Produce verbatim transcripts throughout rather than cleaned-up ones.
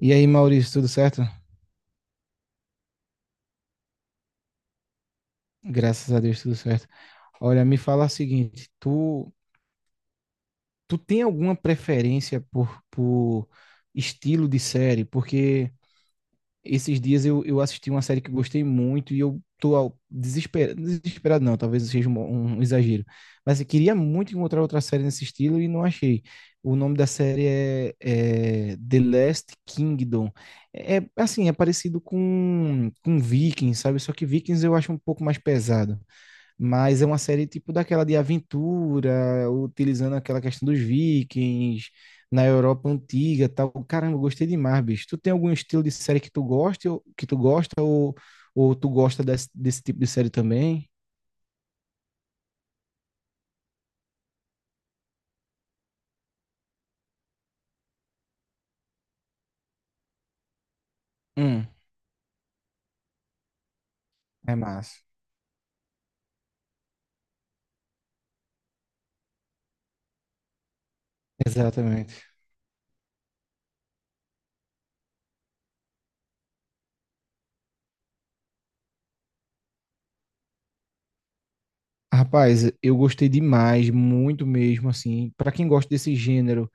E aí, Maurício, tudo certo? Graças a Deus, tudo certo. Olha, me fala o seguinte, tu, tu tem alguma preferência por, por estilo de série? Porque esses dias eu, eu assisti uma série que eu gostei muito e eu tô ao- desesperado, desesperado não, talvez seja um, um exagero, mas eu queria muito encontrar outra série nesse estilo e não achei. O nome da série é, é The Last Kingdom. É, é, assim, é parecido com, com Vikings, sabe? Só que Vikings eu acho um pouco mais pesado. Mas é uma série tipo daquela de aventura, utilizando aquela questão dos vikings, na Europa antiga, tal. Caramba, eu gostei demais, bicho. Tu tem algum estilo de série que tu gosta, ou- que tu gosta ou, ou tu gosta desse, desse tipo de série também? Hum. É massa. Exatamente. Rapaz, eu gostei demais, muito mesmo, assim. Pra quem gosta desse gênero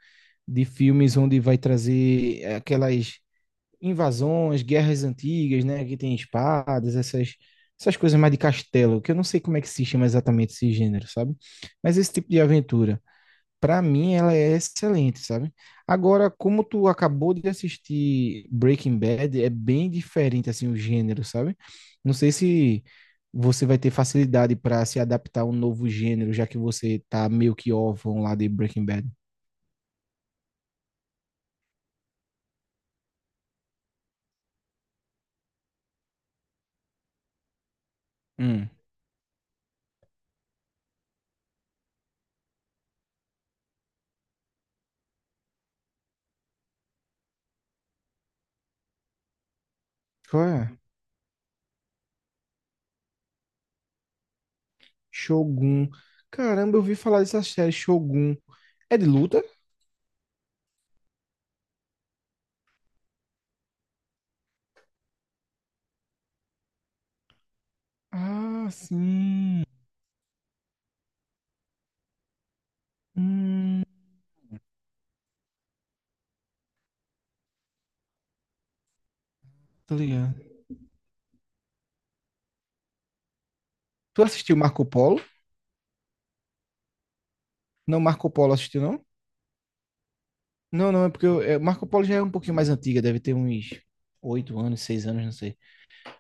de filmes onde vai trazer aquelas invasões, guerras antigas, né? Que tem espadas, essas, essas coisas mais de castelo, que eu não sei como é que se chama exatamente esse gênero, sabe? Mas esse tipo de aventura, pra mim, ela é excelente, sabe? Agora, como tu acabou de assistir Breaking Bad, é bem diferente, assim, o gênero, sabe? Não sei se você vai ter facilidade para se adaptar a um novo gênero, já que você tá meio que órfão lá de Breaking Bad. Hum. Qual é? Shogun. Caramba, eu ouvi falar dessa série Shogun. É de luta. Ah, sim. Hum, Tô ligado. Tu assistiu Marco Polo? Não, Marco Polo assistiu, não? Não, não, é porque eu, é, Marco Polo já é um pouquinho mais antiga, deve ter uns oito anos, seis anos, não sei.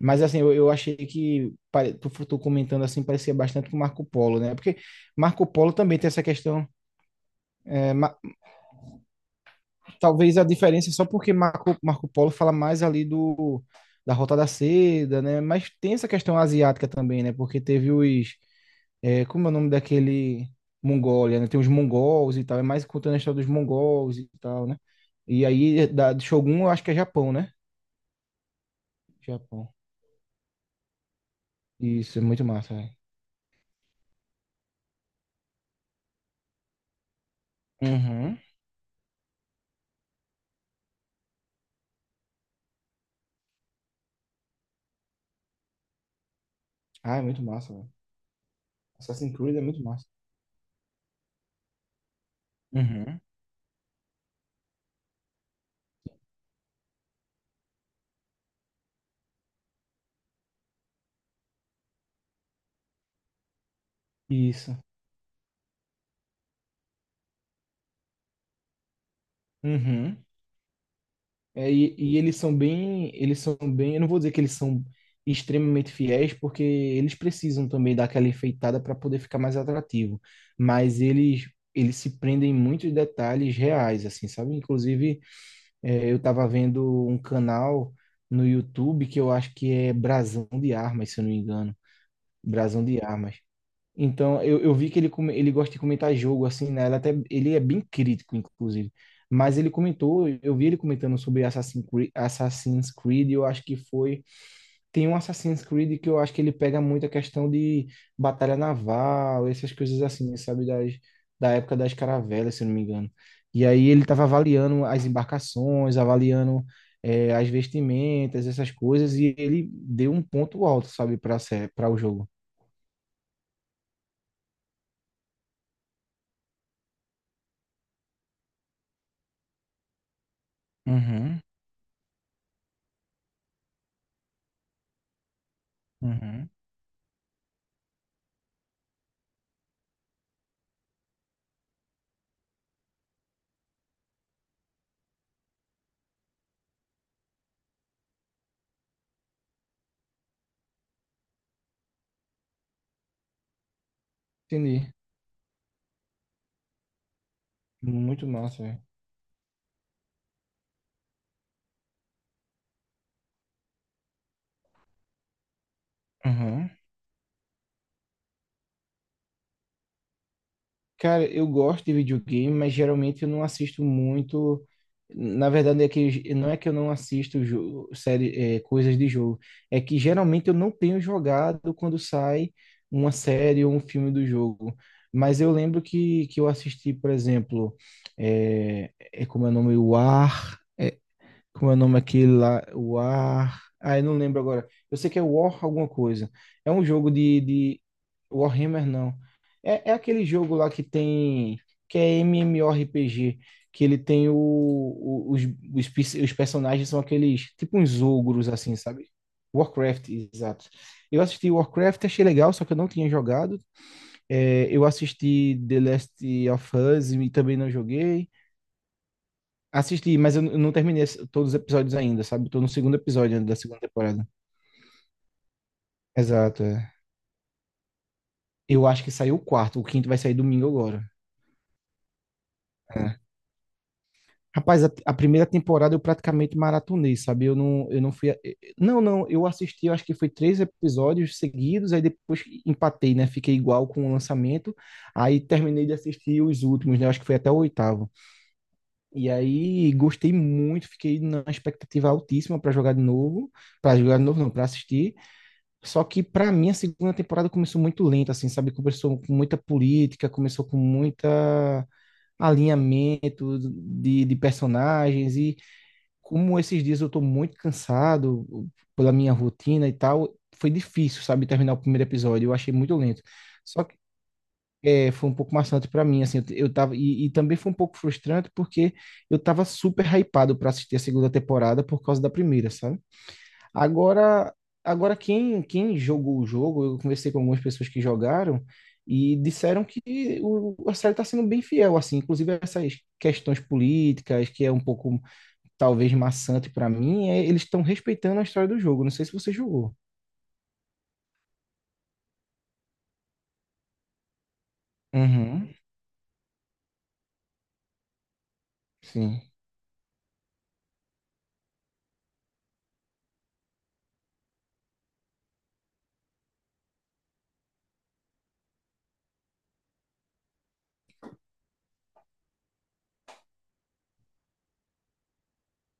Mas assim, eu, eu achei que, pare- tu, tu comentando assim, parecia bastante com Marco Polo, né? Porque Marco Polo também tem essa questão. Talvez a diferença é só porque Marco, Marco Polo fala mais ali do, da Rota da Seda, né? Mas tem essa questão asiática também, né? Porque teve os. É, como é o nome daquele. Mongólia, né? Tem os mongols e tal, é mais contando a história dos mongols e tal, né? E aí, da, de Shogun, eu acho que é Japão, né? Japão. Isso, é muito massa, velho. Uhum. Ah, é muito massa, velho. Assassin's Creed é muito massa. Uhum. Isso. Uhum. É, e, e eles são bem, eles são bem, eu não vou dizer que eles são extremamente fiéis, porque eles precisam também dar aquela enfeitada para poder ficar mais atrativo, mas eles eles se prendem em muitos detalhes reais, assim, sabe? Inclusive, é, eu estava vendo um canal no YouTube que eu acho que é Brasão de Armas, se eu não me engano, Brasão de Armas. Então, eu, eu vi que ele, come- ele gosta de comentar jogo, assim, né? Ele, até, ele é bem crítico, inclusive. Mas ele comentou, eu vi ele comentando sobre Assassin's Creed, Assassin's Creed, eu acho que foi. Tem um Assassin's Creed que eu acho que ele pega muito a questão de batalha naval, essas coisas assim, sabe? Das, da época das caravelas, se eu não me engano. E aí ele estava avaliando as embarcações, avaliando eh, as vestimentas, essas coisas, e ele deu um ponto alto, sabe, para para o jogo. Uhum, uhum. Entendi. Muito massa, velho. Aham. Cara, eu gosto de videogame, mas geralmente eu não assisto muito. Na verdade, é que não é que eu não assisto jo- série, é, coisas de jogo. É que geralmente eu não tenho jogado quando sai uma série ou um filme do jogo. Mas eu lembro que, que eu assisti, por exemplo, é, é como é o nome? War. Como é o nome aquele lá? O War. Ah, eu não lembro agora. Eu sei que é War alguma coisa. É um jogo de, de... Warhammer, não. É, é aquele jogo lá que tem. Que é MMORPG. Que ele tem o, o- os, os, pe- os personagens são aqueles. Tipo uns ogros, assim, sabe? Warcraft, exato. Eu assisti Warcraft, achei legal, só que eu não tinha jogado. É, eu assisti The Last of Us e também não joguei. Assisti, mas eu n- não terminei esse- todos os episódios ainda, sabe? Tô no segundo episódio ainda da segunda temporada. Exato, é. Eu acho que saiu o quarto, o quinto vai sair domingo agora. É. Rapaz, a, a primeira temporada eu praticamente maratonei, sabe? Eu não, eu não fui. a- eh, Não, não, eu assisti, eu acho que foi três episódios seguidos, aí depois empatei, né? Fiquei igual com o lançamento. Aí terminei de assistir os últimos, né? Eu acho que foi até o oitavo. E aí gostei muito, fiquei na expectativa altíssima pra jogar de novo. Pra jogar de novo, não, pra assistir. Só que para mim a segunda temporada começou muito lenta, assim, sabe? Começou com muita política, começou com muita alinhamento de, de personagens e como esses dias eu tô muito cansado pela minha rotina e tal, foi difícil, sabe, terminar o primeiro episódio. Eu achei muito lento. Só que é, foi um pouco maçante para mim, assim, eu, t- eu tava e, e também foi um pouco frustrante porque eu tava super hypado para assistir a segunda temporada por causa da primeira, sabe? Agora, agora quem, quem jogou o jogo, eu conversei com algumas pessoas que jogaram e disseram que o, a série está sendo bem fiel, assim, inclusive essas questões políticas, que é um pouco talvez maçante para mim, é- eles estão respeitando a história do jogo. Não sei se você jogou. Uhum, sim.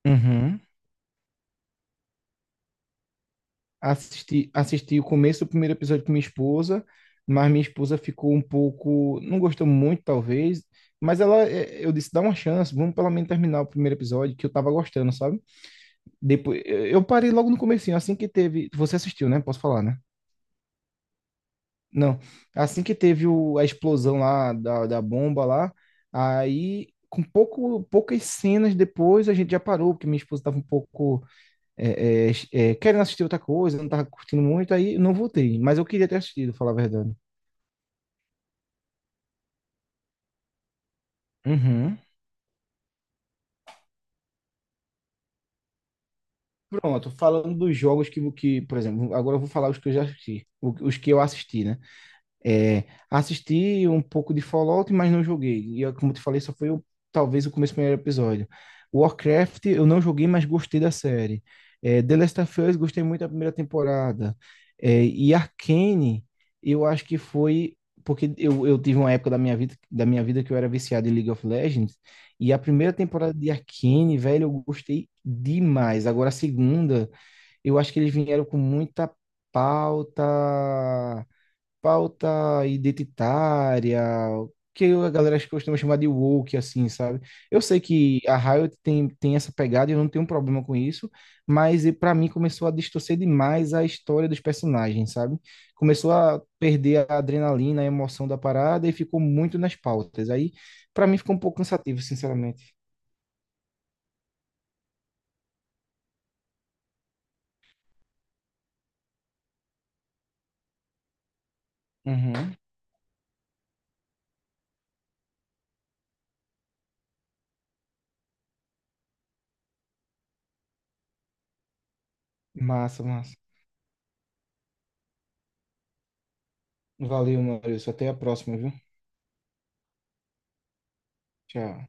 Uhum. assisti, assisti o começo do primeiro episódio com minha esposa, mas minha esposa ficou um pouco, não gostou muito, talvez, mas ela, eh, eu disse, dá uma chance, vamos pelo menos terminar o primeiro episódio, que eu tava gostando, sabe? Depois, eh, eu parei logo no comecinho, assim que teve, você assistiu, né? Posso falar, né? Não, assim que teve o, a explosão lá, da, da bomba lá, aí, com pouco, poucas cenas depois, a gente já parou, porque minha esposa tava um pouco é, é, é, querendo assistir outra coisa, não tava curtindo muito, aí não voltei. Mas eu queria ter assistido, falar a verdade. Uhum. Pronto, falando dos jogos que, que, por exemplo, agora eu vou falar os que eu já assisti, o- os que eu assisti, né? É, assisti um pouco de Fallout, mas não joguei. E eu, como te falei, só foi o, talvez o começo do primeiro episódio. Warcraft eu não joguei, mas gostei da série. É, The Last of Us gostei muito da primeira temporada. É, e Arcane eu acho que foi porque eu, eu tive uma época da minha vida da minha vida que eu era viciado em League of Legends e a primeira temporada de Arcane, velho, eu gostei demais. Agora a segunda, eu acho que eles vieram com muita pauta pauta identitária, que a galera costuma chamar de woke, assim, sabe? Eu sei que a Riot tem, tem essa pegada e eu não tenho um problema com isso, mas e pra mim começou a distorcer demais a história dos personagens, sabe? Começou a perder a adrenalina, a emoção da parada e ficou muito nas pautas. Aí, pra mim, ficou um pouco cansativo, sinceramente. Uhum. Massa, massa. Valeu, Maurício. Até a próxima, viu? Tchau.